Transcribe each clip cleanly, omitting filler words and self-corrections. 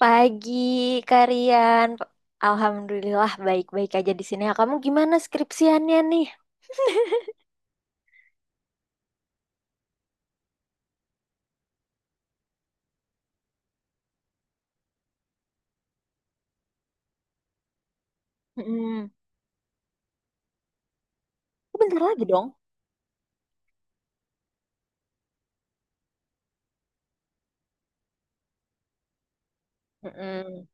Pagi, Karian. Alhamdulillah baik-baik aja di sini. Ya, kamu gimana skripsiannya nih? Mm-mm. Oh, bentar lagi dong. Mm-mm.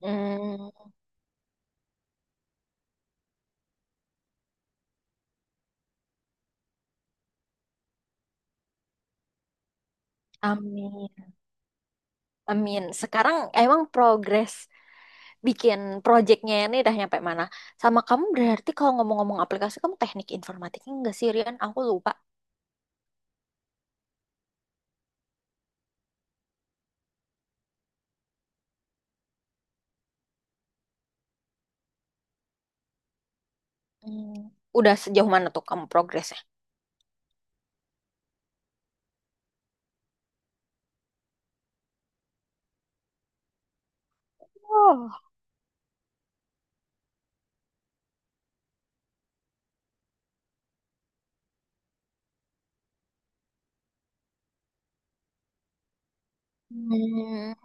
Mm. Amin. Amin. Sekarang emang progres bikin proyeknya ini udah nyampe mana? Sama kamu berarti kalau ngomong-ngomong aplikasi, kamu teknik informatiknya enggak sih, Rian? Aku lupa. Mm. Udah sejauh mana tuh kamu progresnya? Oh. Mm.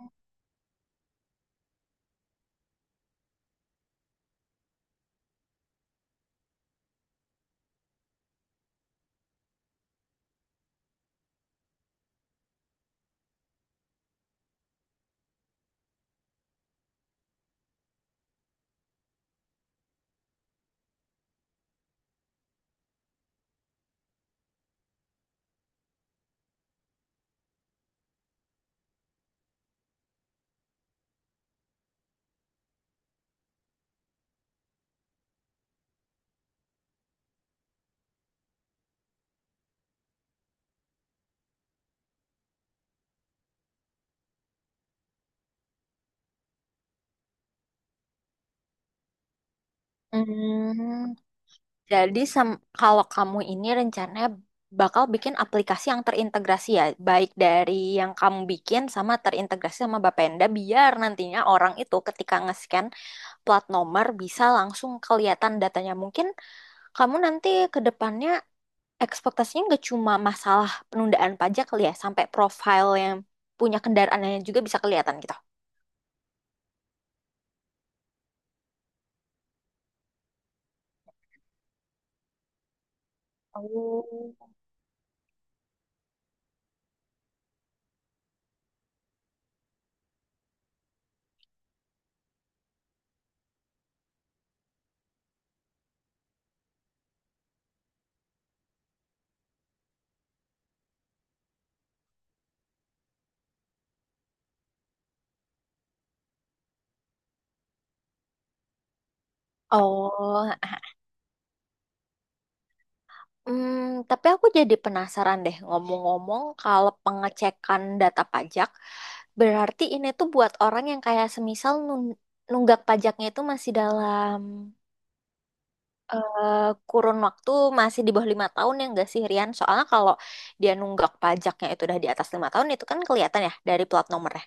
Mm. Jadi kalau kamu ini rencananya bakal bikin aplikasi yang terintegrasi ya, baik dari yang kamu bikin sama terintegrasi sama Bapenda, biar nantinya orang itu ketika nge-scan plat nomor bisa langsung kelihatan datanya. Mungkin kamu nanti ke depannya ekspektasinya nggak cuma masalah penundaan pajak kali ya, sampai profil yang punya kendaraannya juga bisa kelihatan gitu. Oh. Oh. Hmm, tapi aku jadi penasaran deh, ngomong-ngomong, kalau pengecekan data pajak, berarti ini tuh buat orang yang kayak semisal nunggak pajaknya itu masih dalam eh, kurun waktu masih di bawah 5 tahun ya nggak sih Rian? Soalnya kalau dia nunggak pajaknya itu udah di atas 5 tahun itu kan kelihatan ya dari plat nomornya.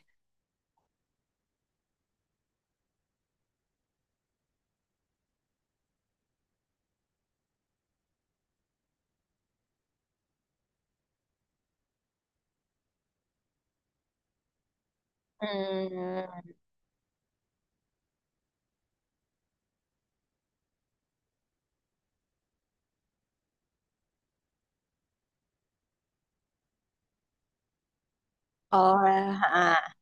Hmm, oh, ah.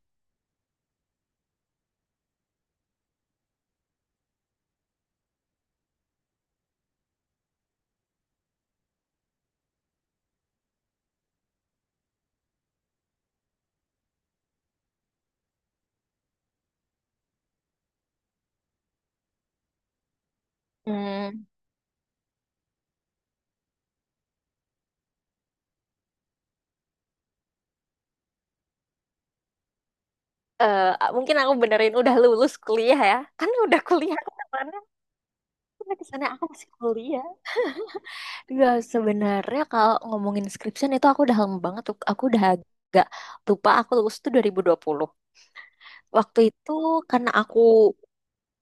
Hmm. Eh, mungkin aku benerin udah lulus kuliah ya, kan udah kuliah aku kemana? Aku di sana aku masih kuliah. Iya, sebenarnya kalau ngomongin skripsian itu aku udah lama banget tuh. Aku udah agak lupa aku lulus tuh dua dua ribu dua puluh. Waktu itu karena aku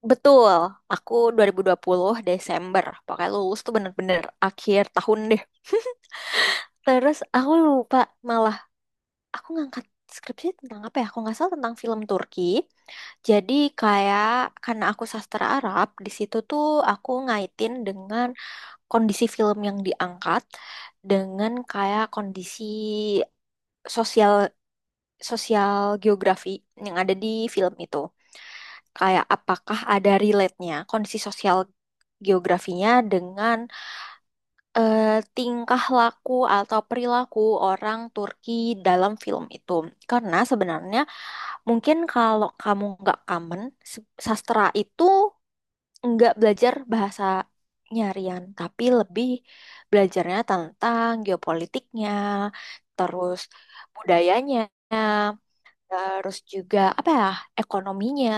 betul, aku dua dua ribu dua puluh Desember. Pokoknya lulus tuh bener-bener akhir tahun deh. Terus aku lupa malah aku ngangkat skripsi tentang apa ya? Aku nggak salah tentang film Turki. Jadi kayak karena aku sastra Arab, di situ tuh aku ngaitin dengan kondisi film yang diangkat dengan kayak kondisi sosial sosial geografi yang ada di film itu. Kayak apakah ada relate-nya kondisi sosial geografinya dengan eh, tingkah laku atau perilaku orang Turki dalam film itu. Karena sebenarnya mungkin kalau kamu nggak kamen sastra itu nggak belajar bahasa nyarian, tapi lebih belajarnya tentang geopolitiknya, terus budayanya, terus juga apa ya, ekonominya.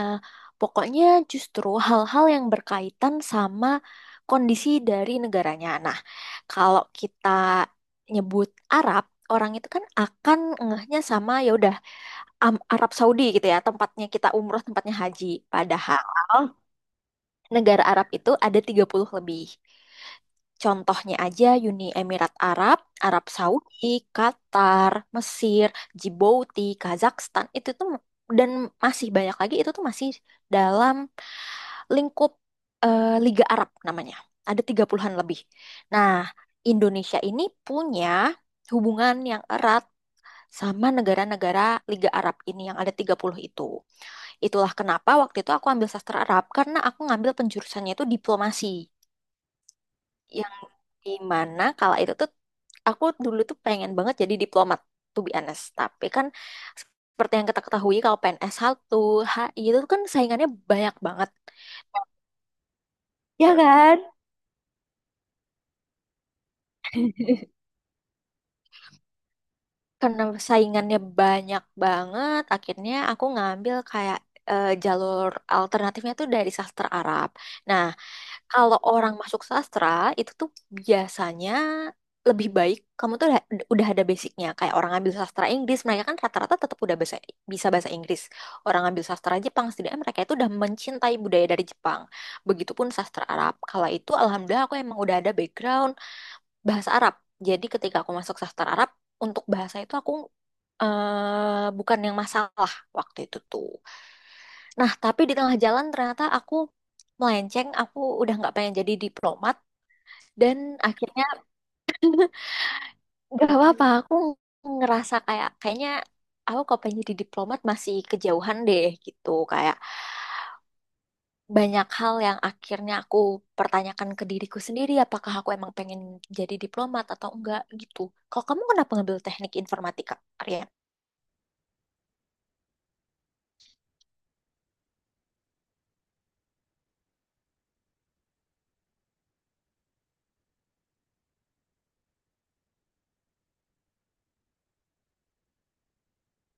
Pokoknya justru hal-hal yang berkaitan sama kondisi dari negaranya. Nah, kalau kita nyebut Arab, orang itu kan akan ngehnya sama ya udah Arab Saudi gitu ya, tempatnya kita umroh, tempatnya haji. Padahal negara Arab itu ada 30 lebih. Contohnya aja Uni Emirat Arab, Arab Saudi, Qatar, Mesir, Djibouti, Kazakhstan, itu tuh dan masih banyak lagi itu tuh masih dalam lingkup Liga Arab namanya. Ada 30-an lebih. Nah, Indonesia ini punya hubungan yang erat sama negara-negara Liga Arab ini yang ada 30 itu. Itulah kenapa waktu itu aku ambil sastra Arab karena aku ngambil penjurusannya itu diplomasi. Yang dimana kala itu tuh aku dulu tuh pengen banget jadi diplomat to be honest. Tapi kan seperti yang kita ketahui kalau PNS 1, HI itu kan saingannya banyak banget. Ya kan? Karena saingannya banyak banget, akhirnya aku ngambil kayak jalur alternatifnya tuh dari sastra Arab. Nah, kalau orang masuk sastra itu tuh biasanya lebih baik kamu tuh udah ada basicnya. Kayak orang ambil sastra Inggris, mereka kan rata-rata tetap udah bahasa, bisa bahasa Inggris. Orang ambil sastra Jepang, setidaknya mereka itu udah mencintai budaya dari Jepang. Begitupun sastra Arab. Kala itu alhamdulillah aku emang udah ada background bahasa Arab. Jadi ketika aku masuk sastra Arab, untuk bahasa itu aku bukan yang masalah waktu itu tuh. Nah, tapi di tengah jalan ternyata aku melenceng, aku udah nggak pengen jadi diplomat dan akhirnya gak apa-apa, aku ngerasa kayaknya aku kalau pengen jadi diplomat masih kejauhan deh gitu. Kayak banyak hal yang akhirnya aku pertanyakan ke diriku sendiri, apakah aku emang pengen jadi diplomat atau enggak gitu. Kalau kamu kenapa ngambil teknik informatika, Arya?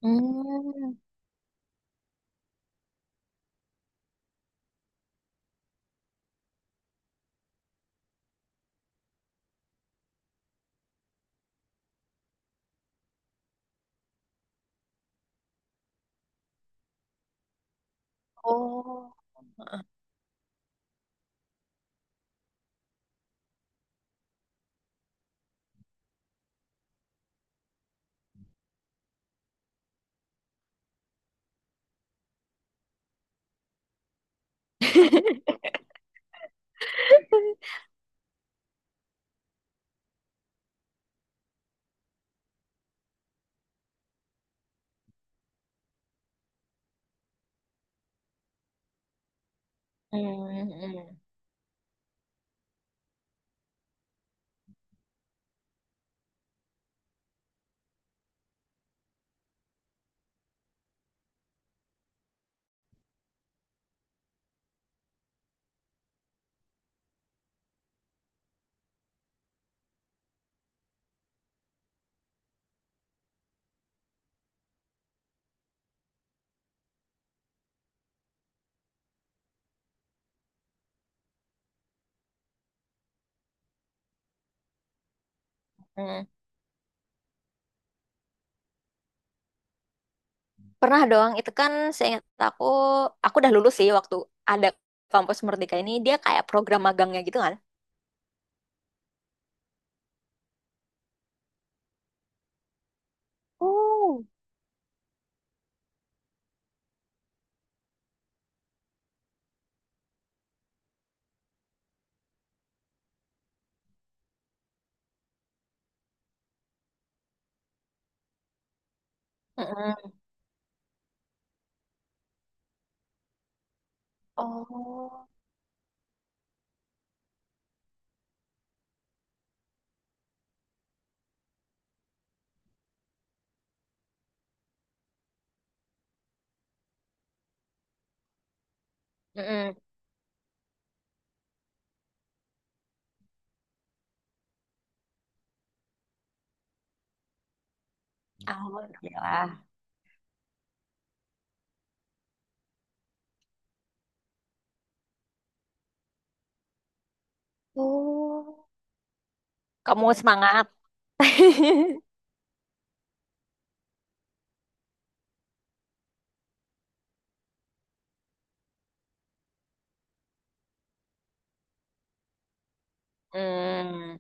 Hmm. Oh. Hmm, hmm, hmm. Pernah doang itu kan seingat aku udah lulus sih waktu ada kampus Merdeka ini, dia kayak program magangnya gitu kan. Oh. Mm-mm. Oh, mm-mm. Alhamdulillah. Oh. Kamu semangat. Hmm,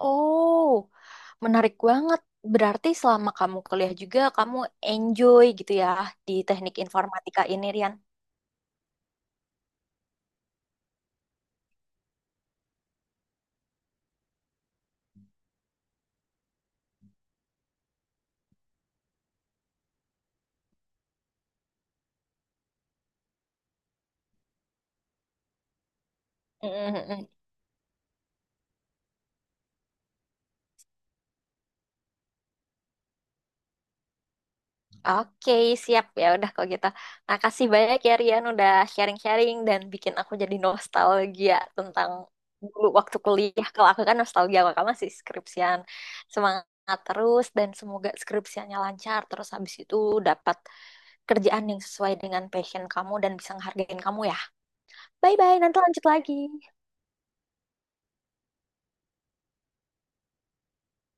oh, menarik banget. Berarti selama kamu kuliah juga, kamu enjoy gitu ya di teknik informatika ini, Rian? Oke, siap ya udah kalau gitu. Makasih banyak ya Rian udah sharing-sharing dan bikin aku jadi nostalgia tentang dulu waktu kuliah. Kalau aku kan nostalgia, kalau kamu masih skripsian. Semangat terus dan semoga skripsiannya lancar. Terus habis itu dapat kerjaan yang sesuai dengan passion kamu dan bisa ngehargain kamu ya. Bye-bye, nanti lanjut lagi.